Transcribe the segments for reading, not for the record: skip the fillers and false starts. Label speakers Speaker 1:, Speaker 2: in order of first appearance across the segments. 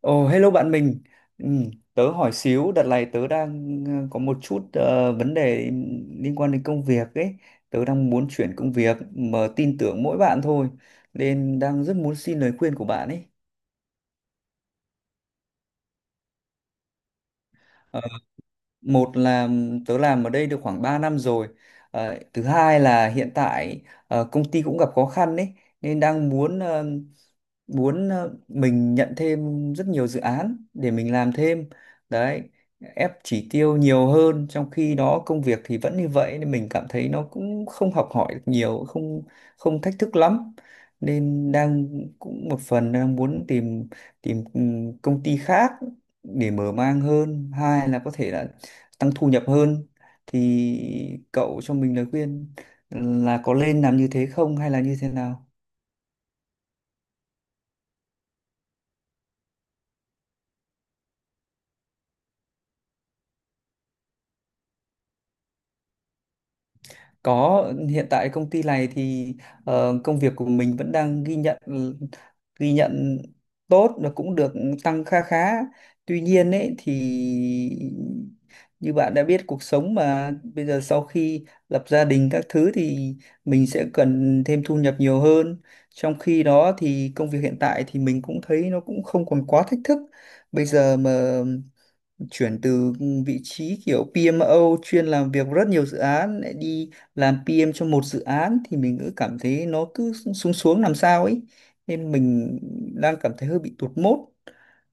Speaker 1: Ồ, hello bạn mình. Ừ, tớ hỏi xíu, đợt này tớ đang có một chút vấn đề liên quan đến công việc ấy. Tớ đang muốn chuyển công việc mà tin tưởng mỗi bạn thôi. Nên đang rất muốn xin lời khuyên của bạn ấy. Ờ, một là tớ làm ở đây được khoảng 3 năm rồi. Thứ hai là hiện tại công ty cũng gặp khó khăn ấy. Nên đang muốn muốn ờ, mình nhận thêm rất nhiều dự án để mình làm thêm đấy, ép chỉ tiêu nhiều hơn, trong khi đó công việc thì vẫn như vậy nên mình cảm thấy nó cũng không học hỏi được nhiều, không không thách thức lắm, nên đang cũng một phần đang muốn tìm, tìm công ty khác để mở mang hơn, hai là có thể là tăng thu nhập hơn. Thì cậu cho mình lời khuyên là có nên làm như thế không hay là như thế nào? Có, hiện tại công ty này thì công việc của mình vẫn đang ghi nhận tốt và cũng được tăng kha khá. Tuy nhiên ấy thì như bạn đã biết, cuộc sống mà bây giờ sau khi lập gia đình các thứ thì mình sẽ cần thêm thu nhập nhiều hơn. Trong khi đó thì công việc hiện tại thì mình cũng thấy nó cũng không còn quá thách thức. Bây giờ mà chuyển từ vị trí kiểu PMO chuyên làm việc rất nhiều dự án lại đi làm PM cho một dự án thì mình cứ cảm thấy nó cứ xuống xuống làm sao ấy, nên mình đang cảm thấy hơi bị tụt mood,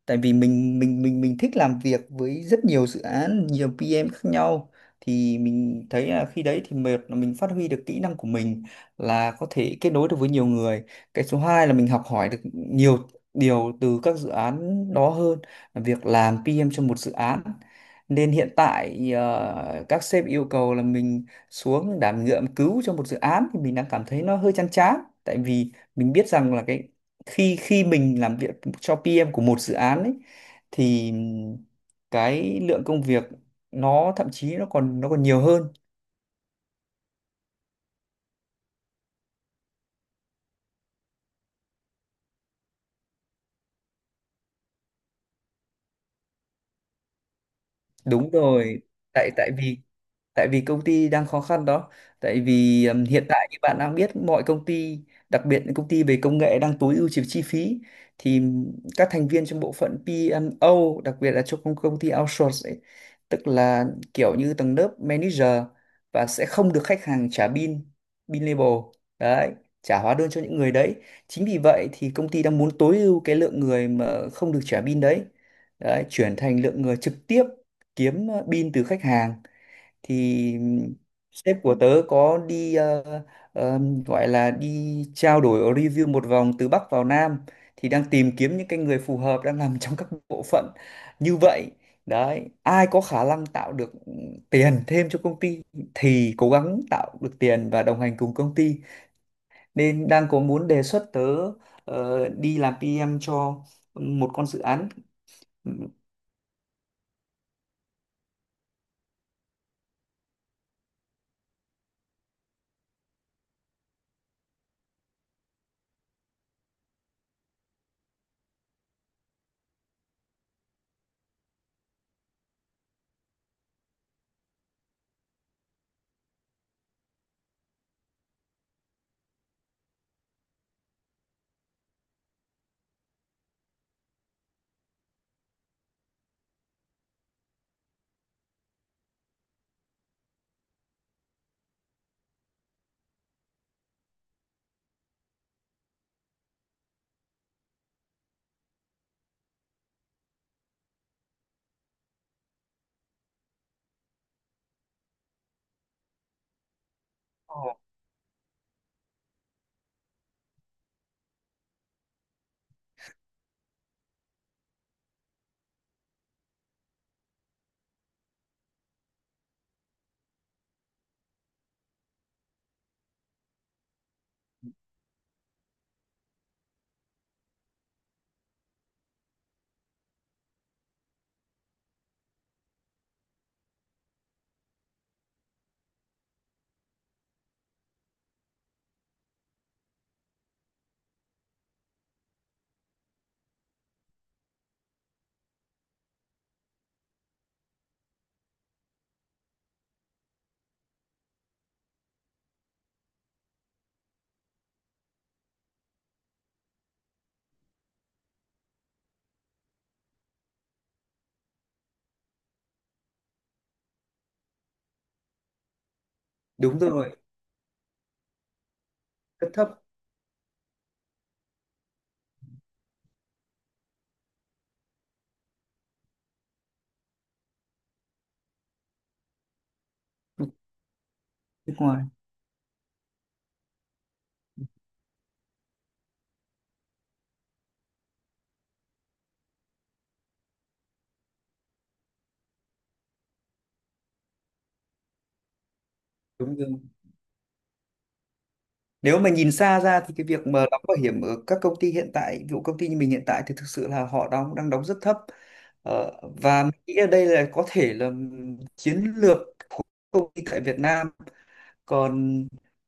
Speaker 1: tại vì mình thích làm việc với rất nhiều dự án, nhiều PM khác nhau. Thì mình thấy là khi đấy thì mệt là mình phát huy được kỹ năng của mình, là có thể kết nối được với nhiều người. Cái số 2 là mình học hỏi được nhiều điều từ các dự án đó hơn là việc làm PM cho một dự án. Nên hiện tại các sếp yêu cầu là mình xuống đảm nhiệm cứu cho một dự án thì mình đang cảm thấy nó hơi chán chán, tại vì mình biết rằng là cái khi khi mình làm việc cho PM của một dự án ấy thì cái lượng công việc nó thậm chí nó còn nhiều hơn. Đúng rồi, tại tại vì công ty đang khó khăn đó. Tại vì hiện tại như bạn đang biết, mọi công ty, đặc biệt những công ty về công nghệ, đang tối ưu chi chi phí, thì các thành viên trong bộ phận PMO, đặc biệt là trong công công ty outsource ấy, tức là kiểu như tầng lớp manager, và sẽ không được khách hàng trả bill, bill label. Đấy, trả hóa đơn cho những người đấy. Chính vì vậy thì công ty đang muốn tối ưu cái lượng người mà không được trả bill đấy, chuyển thành lượng người trực tiếp kiếm pin từ khách hàng. Thì sếp của tớ có đi ờ, gọi là đi trao đổi review một vòng từ Bắc vào Nam, thì đang tìm kiếm những cái người phù hợp đang làm trong các bộ phận như vậy. Đấy, ai có khả năng tạo được tiền thêm cho công ty thì cố gắng tạo được tiền và đồng hành cùng công ty, nên đang có muốn đề xuất tớ đi làm PM cho một con dự án. Ồ, đúng rồi. Cấp thấp. Nước ngoài. Đúng rồi. Nếu mà nhìn xa ra thì cái việc mà đóng bảo hiểm ở các công ty hiện tại, ví dụ công ty như mình hiện tại, thì thực sự là họ đóng đang đóng rất thấp. ờ, và mình nghĩ ở đây là có thể là chiến lược của công ty tại Việt Nam, còn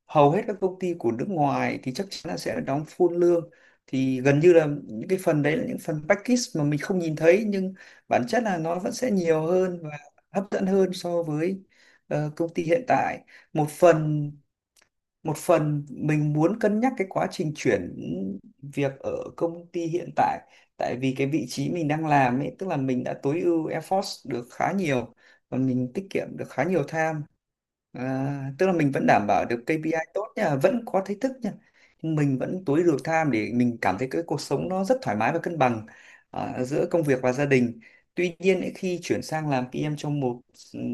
Speaker 1: hầu hết các công ty của nước ngoài thì chắc chắn là sẽ đóng full lương, thì gần như là những cái phần đấy là những phần package mà mình không nhìn thấy, nhưng bản chất là nó vẫn sẽ nhiều hơn và hấp dẫn hơn so với công ty hiện tại. Một phần một phần mình muốn cân nhắc cái quá trình chuyển việc ở công ty hiện tại, tại vì cái vị trí mình đang làm ấy tức là mình đã tối ưu effort được khá nhiều và mình tiết kiệm được khá nhiều time. À, tức là mình vẫn đảm bảo được KPI tốt nha, vẫn có thách thức nha, nhưng mình vẫn tối ưu được time để mình cảm thấy cái cuộc sống nó rất thoải mái và cân bằng, à, giữa công việc và gia đình. Tuy nhiên ấy, khi chuyển sang làm PM trong một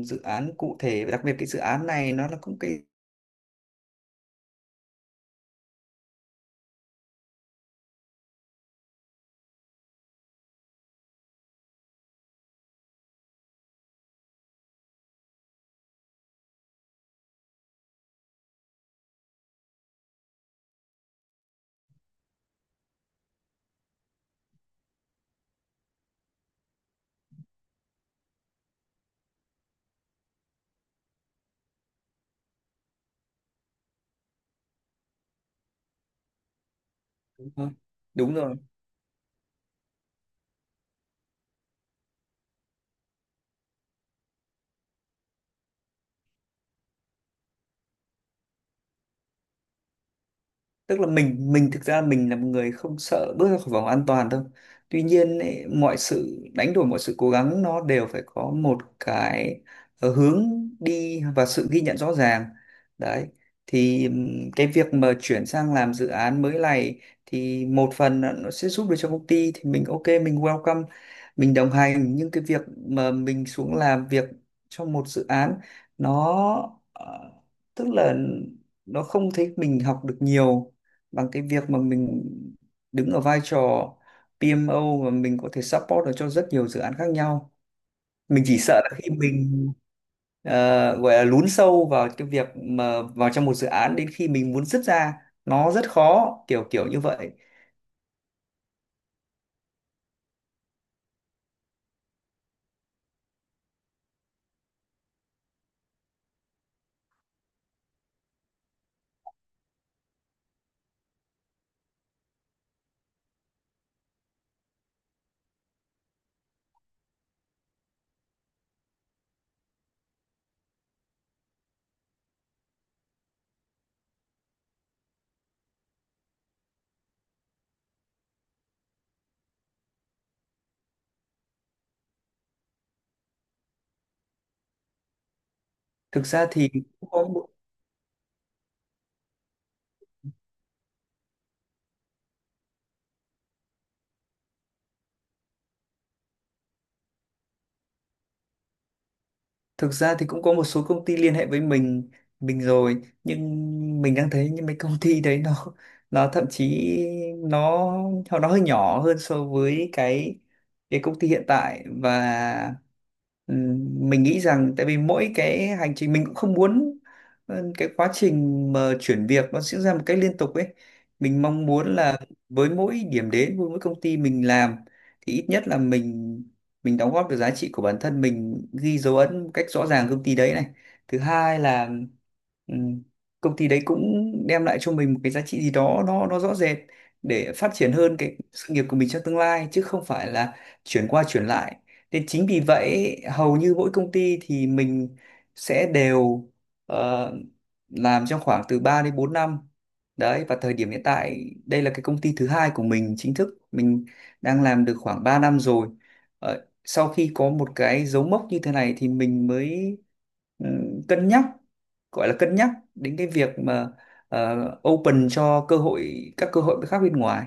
Speaker 1: dự án cụ thể, đặc biệt cái dự án này nó là cũng cái... Đúng rồi. Đúng rồi. Tức là mình thực ra mình là một người không sợ bước ra khỏi vòng an toàn đâu. Tuy nhiên ấy, mọi sự đánh đổi, mọi sự cố gắng nó đều phải có một cái hướng đi và sự ghi nhận rõ ràng. Đấy, thì cái việc mà chuyển sang làm dự án mới này thì một phần là nó sẽ giúp được cho công ty thì mình ok, mình welcome, mình đồng hành, nhưng cái việc mà mình xuống làm việc trong một dự án, nó tức là nó không thấy mình học được nhiều bằng cái việc mà mình đứng ở vai trò PMO và mình có thể support được cho rất nhiều dự án khác nhau. Mình chỉ sợ là khi mình ờ, gọi là lún sâu vào cái việc mà vào trong một dự án, đến khi mình muốn dứt ra nó rất khó, kiểu kiểu như vậy. thực ra thì cũng có Thực ra thì cũng có một số công ty liên hệ với mình rồi, nhưng mình đang thấy những mấy công ty đấy nó nó thậm chí nó nó nó hơi nhỏ hơn so với cái công ty hiện tại, và mình nghĩ rằng tại vì mỗi cái hành trình mình cũng không muốn cái quá trình mà chuyển việc nó diễn ra một cách liên tục ấy. Mình mong muốn là với mỗi điểm đến, với mỗi công ty mình làm thì ít nhất là mình đóng góp được giá trị của bản thân, mình ghi dấu ấn một cách rõ ràng công ty đấy này. Thứ hai là ừm, công ty đấy cũng đem lại cho mình một cái giá trị gì đó nó rõ rệt để phát triển hơn cái sự nghiệp của mình trong tương lai, chứ không phải là chuyển qua chuyển lại. Nên chính vì vậy hầu như mỗi công ty thì mình sẽ đều ờ, làm trong khoảng từ 3 đến 4 năm. Đấy, và thời điểm hiện tại đây là cái công ty thứ hai của mình, chính thức mình đang làm được khoảng 3 năm rồi. Ờ, Sau khi có một cái dấu mốc như thế này thì mình mới ừ, cân nhắc, gọi là cân nhắc đến cái việc mà ờ, open cho cơ hội, các cơ hội khác bên ngoài.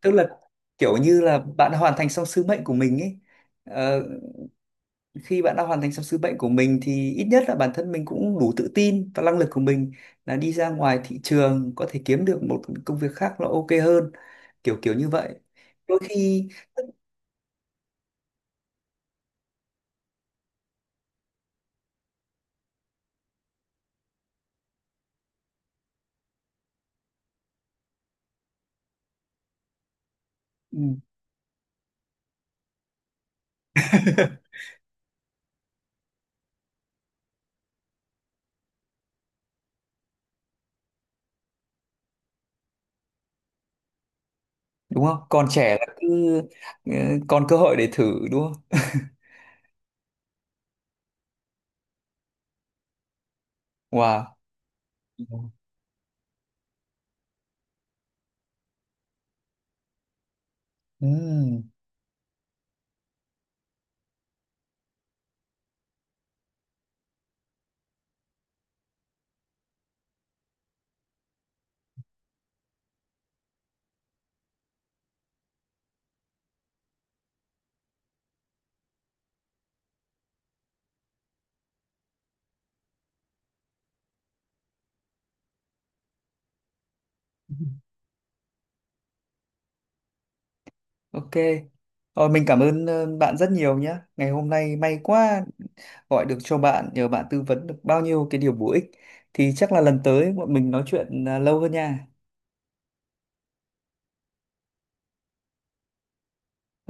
Speaker 1: Tức là kiểu như là bạn đã hoàn thành xong sứ mệnh của mình ấy. Ờ, Khi bạn đã hoàn thành xong sứ mệnh của mình thì ít nhất là bản thân mình cũng đủ tự tin và năng lực của mình là đi ra ngoài thị trường có thể kiếm được một công việc khác nó ok hơn, kiểu kiểu như vậy. Đôi khi ừ, đúng không, còn trẻ là cứ ờ, còn cơ hội để thử đúng không? Wow. Ừm, ok. Ờ, mình cảm ơn bạn rất nhiều nhé, ngày hôm nay may quá gọi được cho bạn, nhờ bạn tư vấn được bao nhiêu cái điều bổ ích. Thì chắc là lần tới bọn mình nói chuyện à, lâu hơn nha.